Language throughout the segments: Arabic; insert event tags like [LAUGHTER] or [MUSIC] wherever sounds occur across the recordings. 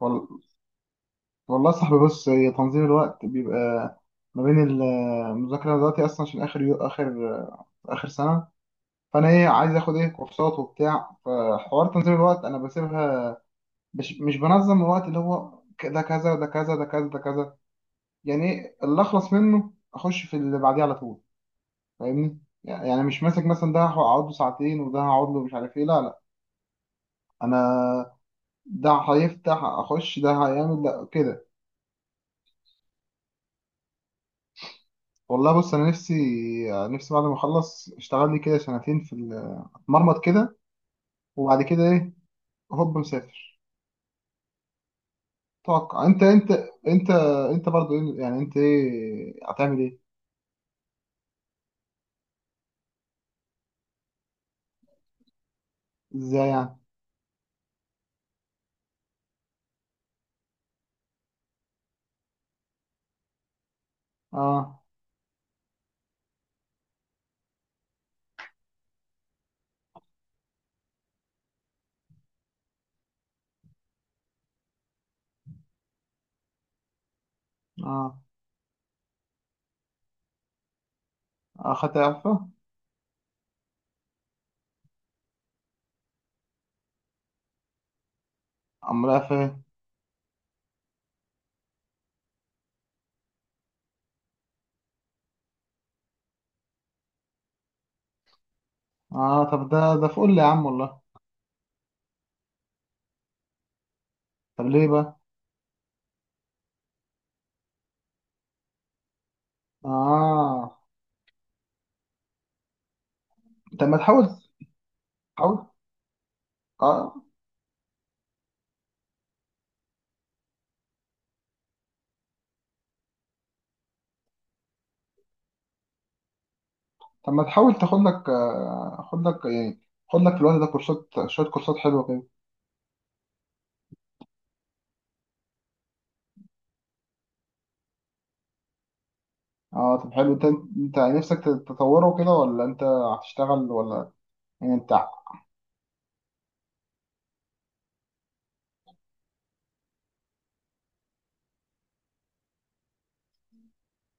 وال- والله يا صاحبي، بص، هي تنظيم الوقت بيبقى ما بين المذاكرة دلوقتي أصلا عشان آخر يو آخر آخر سنة. فأنا عايز آخد كورسات وبتاع، فحوار تنظيم الوقت أنا بسيبها. مش بنظم الوقت، اللي هو ده كذا، ده كذا، ده كذا، ده كذا، يعني إيه اللي أخلص منه أخش في اللي بعديه على طول. فاهمني؟ يعني مش ماسك مثلا ده هقعد له ساعتين وده هقعد له مش عارف إيه. لا، لا، أنا ده هيفتح أخش، ده هيعمل ده كده. والله بص، انا نفسي بعد ما اخلص اشتغل لي كده سنتين في اتمرمط كده، وبعد كده ايه، هوب مسافر. توقع انت انت برضو. يعني انت ايه هتعمل ايه؟ ازاي يعني؟ اه، اه، اخدت اعفاء. امال اعفاء ايه؟ اه، طب ده فل يا عم والله. طب ليه بقى؟ اه، طب ما تحاول. حاول. اه، طب ما تحاول تاخد لك، خد لك يعني، خد لك في الوقت ده كورسات، شويه كورسات حلوه كده. اه، طب حلو، انت، انت نفسك تطوره كده ولا انت هتشتغل، ولا يعني انت؟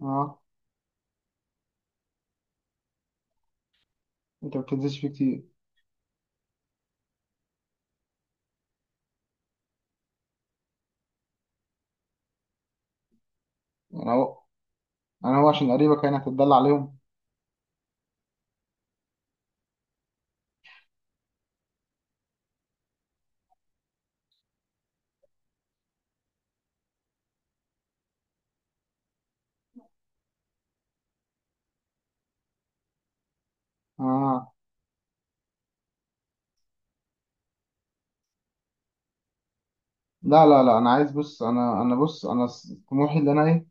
اه، انت ما بتنزلش فيه كتير؟ يعني هو، انا هو عشان قريبك يعني هتتدلع عليهم؟ اه، لا، لا، لا، انا عايز، بص، انا بص، انا طموحي، اللي انا ايه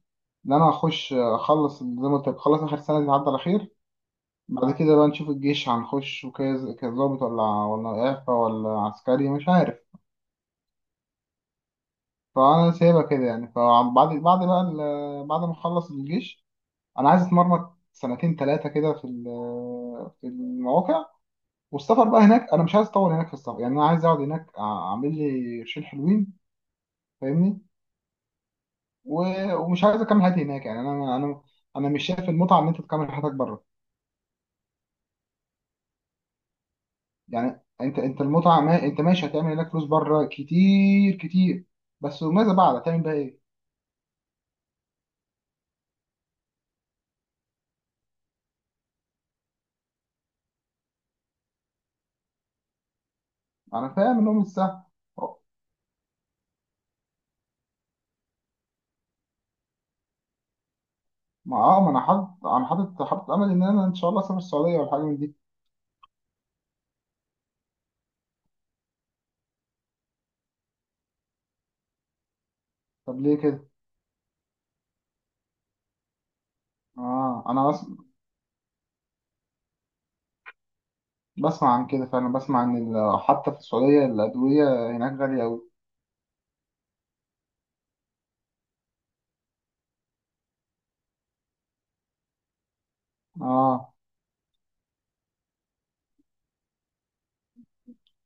اللي انا هخش اخلص زي ما قلت لك، اخلص اخر سنه دي تعدي على خير. بعد كده بقى نشوف الجيش، هنخش وكذا كظابط ولا اعفاء ولا عسكري مش عارف. فانا سايبها كده يعني. فبعد بعد بقى ال- بعد ما اخلص الجيش، انا عايز اتمرمط سنتين ثلاثه كده في في المواقع. والسفر بقى هناك، انا مش عايز اطول هناك في السفر، يعني انا عايز اقعد هناك اعمل لي قرشين حلوين. فاهمني؟ ومش عايز اكمل حياتي هناك، يعني انا، انا مش شايف المتعه ان انت تكمل حياتك بره. يعني انت المتعه، ما انت ماشي هتعمل هناك فلوس بره كتير كتير، بس وماذا بعد؟ هتعمل بقى ايه؟ انا فاهم انهم مش سهل. ما انا حاطط امل ان انا ان شاء الله اسافر السعوديه ولا حاجه من دي. طب ليه كده؟ اه انا بسمع عن كده فعلا، حتى في السعودية الأدوية هناك غالية أوي. آه.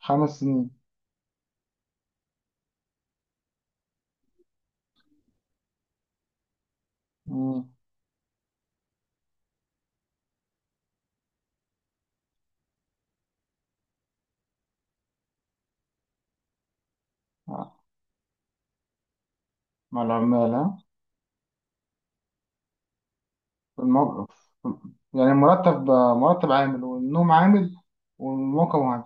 خمس سنين. مم. آه. مع العمال، ها؟ المو... يعني مرتب، مرتب عامل والنوم عامل والموقع عامل.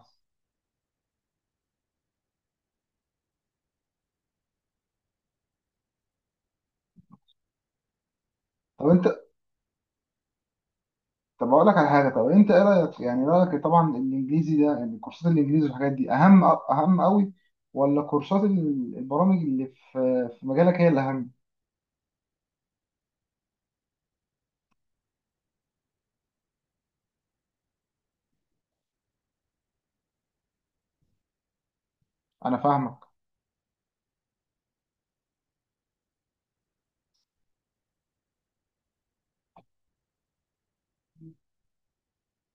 طب أنت طب أقول لك على حاجة، طب أنت إيه رأيك، يعني رأيك طبعا الإنجليزي ده يعني، كورسات الإنجليزي والحاجات دي أهم، أهم أوي؟ ولا كورسات البرامج اللي في مجالك هي اللي أهم؟ أنا فاهمك.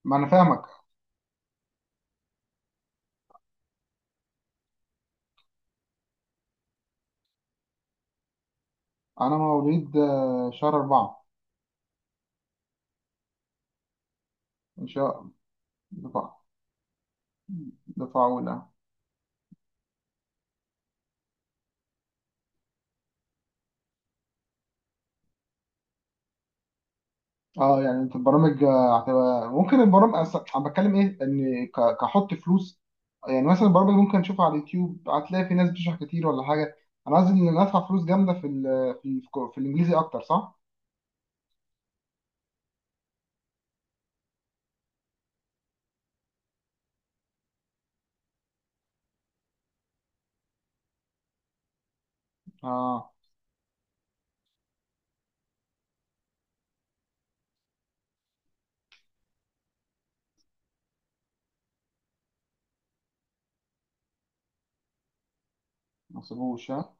ما أنا فاهمك. أنا مواليد، شهر أربعة. إن شاء الله. مفعولة. اه يعني انت البرامج هتبقى، ممكن البرامج أصلاً انا بتكلم ايه ان كحط فلوس. يعني مثلا البرامج ممكن نشوفها على اليوتيوب، هتلاقي في ناس بتشرح كتير ولا حاجة. انا قصدي ان ندفع فلوس جامدة في ال، في الانجليزي اكتر، صح؟ اه. ما سيبوش، ها؟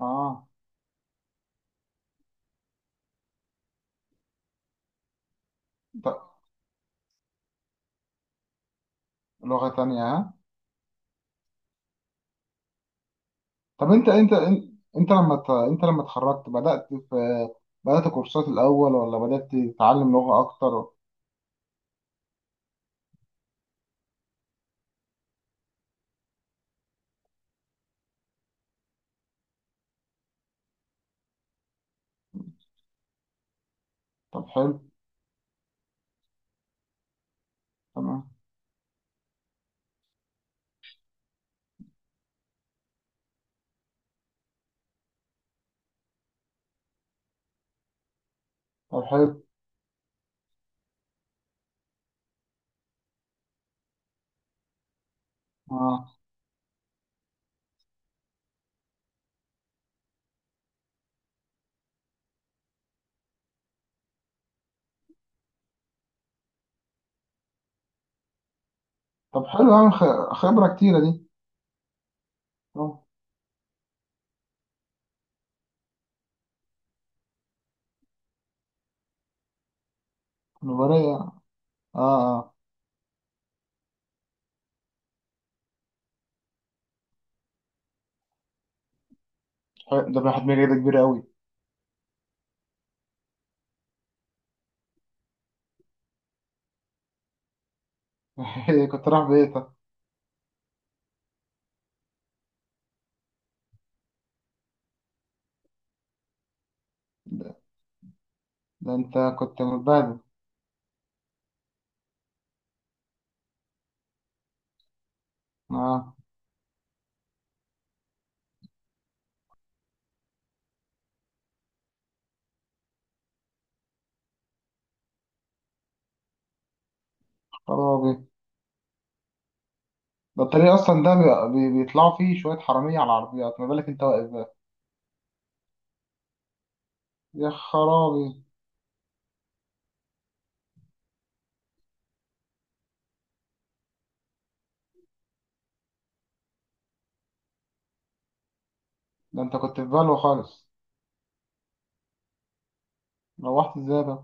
اه، طب لغة تانية، ها؟ طب انت لما اتخرجت، بدأت كورسات الاول ولا بدأت تتعلم لغة اكتر؟ طب حلو. تمام. طب حلو. اه، طب حلو، يعني خبرة كتيرة دي. اه. نورية. اه، اه. حلو، ده راحت مني، ده كبيرة أوي. [LAUGHS] كنت رايح بيتك. ده، ده أنت كنت متبهدل. اه، خرابي. ده الطريق أصلا ده بيطلعوا فيه شوية حرامية على العربيات، ما بالك أنت واقف بقى. يا خرابي. ده أنت كنت في بالو خالص. روحت إزاي ده؟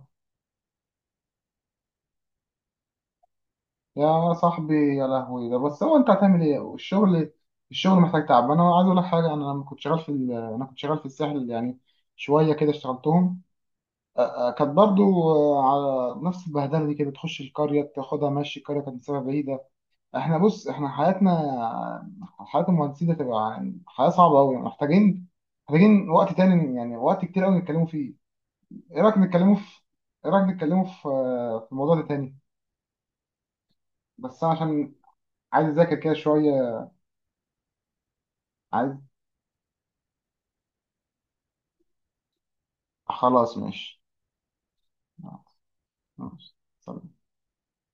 يا صاحبي، يا لهوي، ده بس، هو أنت هتعمل إيه الشغل؟ الشغل محتاج تعب. أنا عايز أقول لك حاجة، أنا لما كنت شغال في أنا كنت شغال في الساحل، يعني شوية كده اشتغلتهم. آه، كانت برضو على نفس البهدله دي كده، تخش القريه تاخدها ماشي، القريه كانت مسافه بعيده. احنا بص، احنا حياتنا، حياه المهندسين ده تبقى يعني حياه صعبه قوي. محتاجين وقت تاني يعني، وقت كتير قوي نتكلموا فيه. ايه رايك نتكلموا في ايه رايك نتكلموا في الموضوع ده تاني؟ بس انا عشان عايز اذاكر كده شويه. عايز، خلاص ماشي. آه، ماشي.